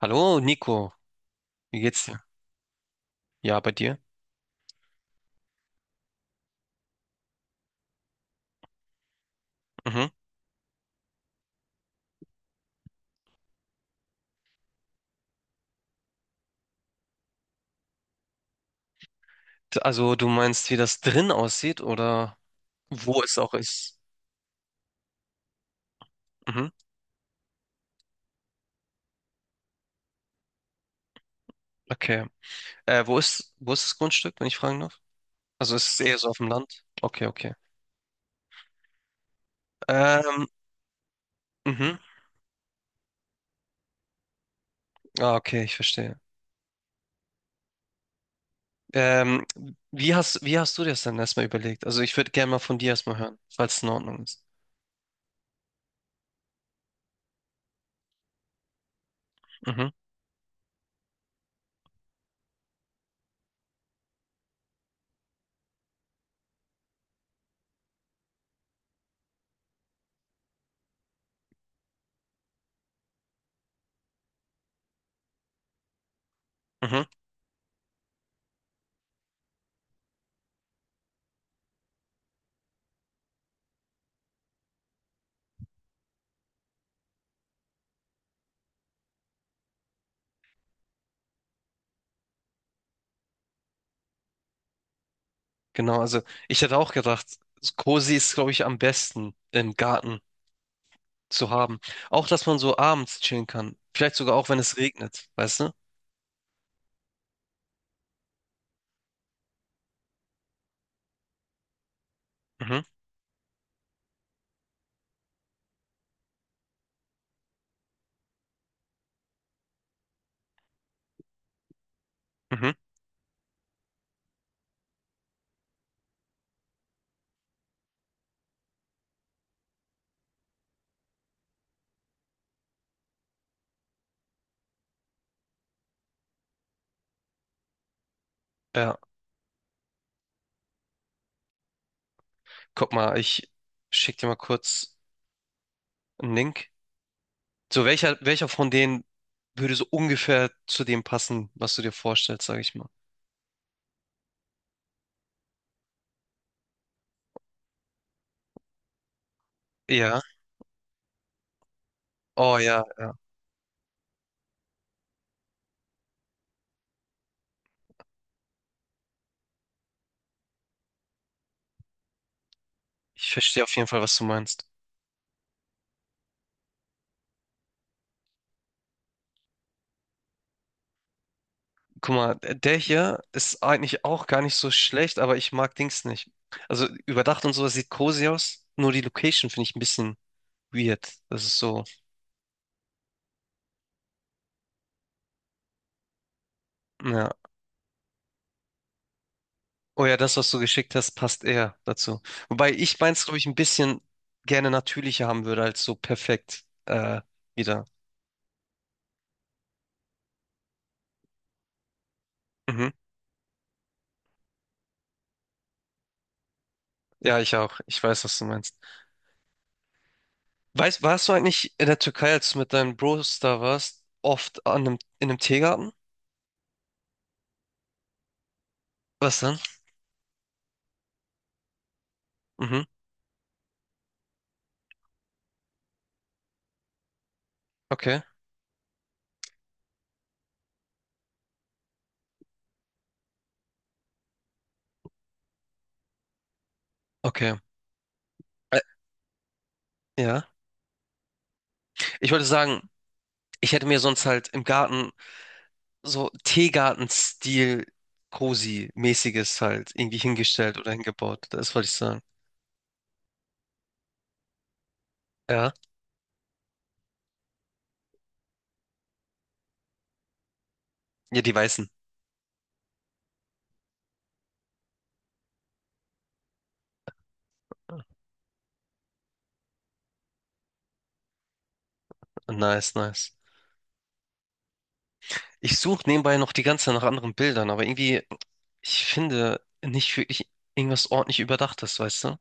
Hallo, Nico. Wie geht's dir? Ja, bei dir? Mhm. Also, du meinst, wie das drin aussieht oder wo es auch ist? Mhm. Okay. Wo ist das Grundstück, wenn ich fragen darf? Also, ist es eher so auf dem Land? Okay, okay. Ähm, mhm. Ah, okay, ich verstehe. Ähm, wie hast du dir das dann erstmal überlegt? Also, ich würde gerne mal von dir erstmal hören, falls es in Ordnung ist. Mhm. Mhm. Genau, also, ich hätte auch gedacht, Cozy ist, glaube ich, am besten im Garten zu haben. Auch, dass man so abends chillen kann. Vielleicht sogar auch, wenn es regnet, weißt du? Mhm, mhm. Ja, guck mal, ich schick dir mal kurz einen Link. So, welcher von denen würde so ungefähr zu dem passen, was du dir vorstellst, sag ich mal. Ja, oh ja, ja. Ich verstehe auf jeden Fall, was du meinst. Guck mal, der hier ist eigentlich auch gar nicht so schlecht, aber ich mag Dings nicht. Also überdacht und sowas sieht cozy aus, nur die Location finde ich ein bisschen weird. Das ist so, ja. Oh ja, das, was du geschickt hast, passt eher dazu. Wobei ich meins, glaube ich, ein bisschen gerne natürlicher haben würde, als so perfekt wieder. Mhm. Ja, ich auch. Ich weiß, was du meinst. Weißt, warst du eigentlich in der Türkei, als du mit deinen Bros da warst, oft an einem, in einem Teegarten? Was dann? Mhm. Okay. Okay. Ä- ja. Ich wollte sagen, ich hätte mir sonst halt im Garten so Teegarten-Stil Cozy-mäßiges halt irgendwie hingestellt oder hingebaut. Das wollte ich sagen. Ja. Ja, die Weißen. Nice, nice. Ich suche nebenbei noch die ganze Zeit nach anderen Bildern, aber irgendwie, ich finde nicht wirklich irgendwas ordentlich Überdachtes, weißt du?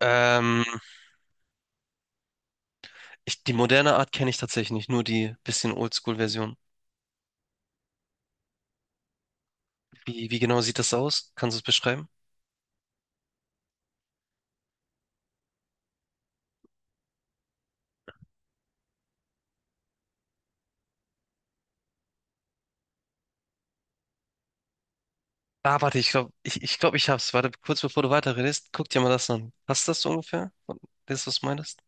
Ähm, ich, die moderne Art kenne ich tatsächlich nicht, nur die bisschen Oldschool-Version. Wie genau sieht das aus? Kannst du es beschreiben? Ah, warte, ich glaube, ich hab's. Warte, kurz bevor du weiterredest, guck dir mal das an. Passt das so ungefähr? Das, was du meinst?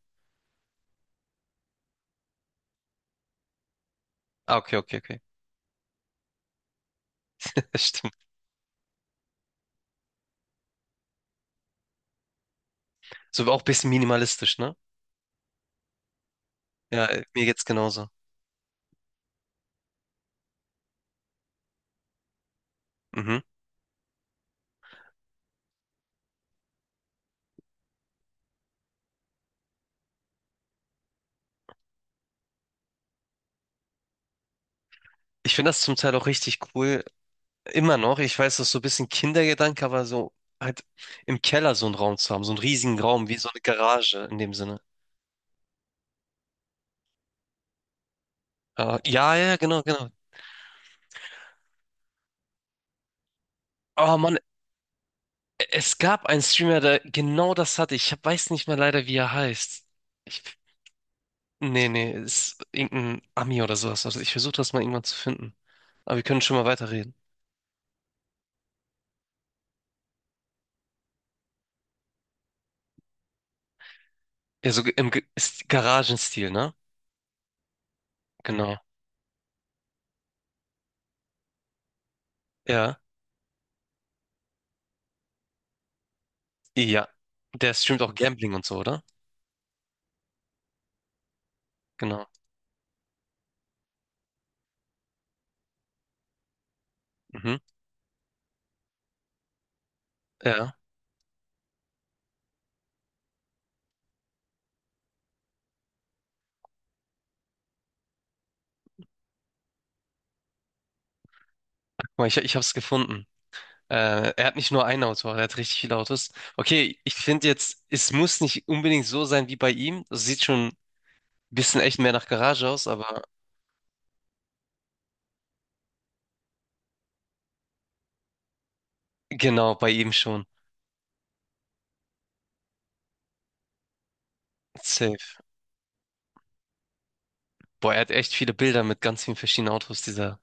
Ah, okay, okay, okay. Stimmt. So auch ein bisschen minimalistisch, ne? Ja, mir geht's genauso. Mhm. Ich finde das zum Teil auch richtig cool, immer noch, ich weiß, das ist so ein bisschen Kindergedanke, aber so halt im Keller so einen Raum zu haben, so einen riesigen Raum, wie so eine Garage in dem Sinne. Ah, ja, ja, ja, genau, genau. Oh Mann, es gab einen Streamer, der genau das hatte. Ich hab- weiß nicht mehr leider, wie er heißt. Ich, nee, nee, ist irgendein Ami oder sowas. Also ich versuche das mal irgendwann zu finden. Aber wir können schon mal weiterreden. Ja, so im ist Garagenstil, ne? Genau. Ja. Ja. Der streamt auch Gambling und so, oder? Genau. Mhm. Ja. Guck mal, ich hab's gefunden. Er hat nicht nur ein Auto, er hat richtig viele Autos. Okay, ich finde jetzt, es muss nicht unbedingt so sein wie bei ihm. Es sieht schon ein bisschen echt mehr nach Garage aus, aber genau, bei ihm schon. Safe. Boah, er hat echt viele Bilder mit ganz vielen verschiedenen Autos, dieser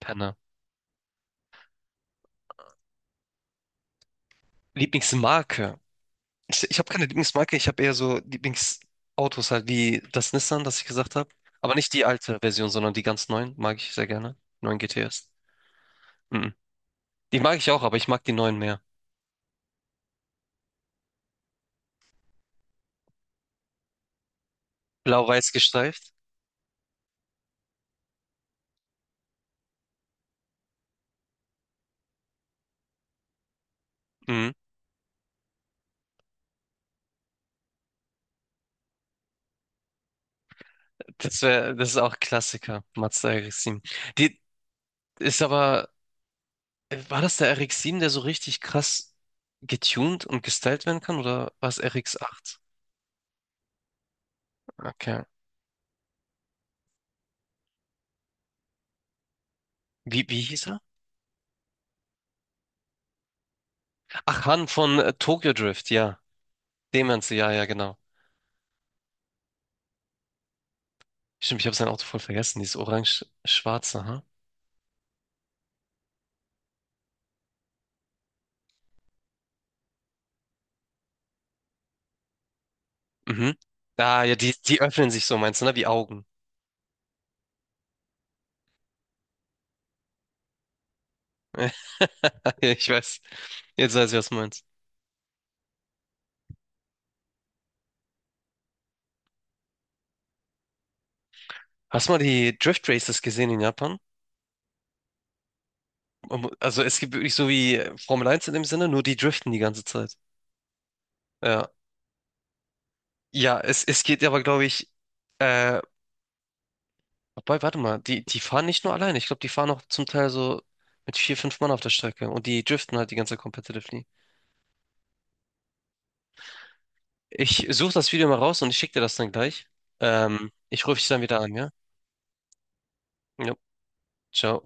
Penner. Lieblingsmarke. Ich habe keine Lieblingsmarke, ich habe eher so Lieblingsautos halt, wie das Nissan, das ich gesagt habe. Aber nicht die alte Version, sondern die ganz neuen mag ich sehr gerne. Neuen GTS. Mhm. Die mag ich auch, aber ich mag die neuen mehr. Blau-weiß gestreift. Mhm. Das wäre, das ist auch Klassiker, Mazda RX-7. Die ist aber, war das der RX-7, der so richtig krass getuned und gestylt werden kann, oder war es RX-8? Okay. Wie hieß er? Ach, Han von Tokyo Drift, ja. Dem Ganze, ja, ja, genau. Stimmt, ich habe sein Auto voll vergessen, dieses orange-schwarze, ha? Mhm. Ah, ja, die öffnen sich so, meinst du, ne? Wie Augen. Ja, ich weiß. Jetzt weiß ich, was du meinst. Hast du mal die Drift Races gesehen in Japan? Also es gibt wirklich so wie Formel 1 in dem Sinne, nur die driften die ganze Zeit. Ja. Es geht aber, glaube ich, äh, wobei, warte mal, die fahren nicht nur alleine. Ich glaube, die fahren auch zum Teil so mit vier, fünf Mann auf der Strecke und die driften halt die ganze Zeit competitively. Ich suche das Video mal raus und ich schicke dir das dann gleich. Ich rufe dich dann wieder an, ja? Ja, ciao.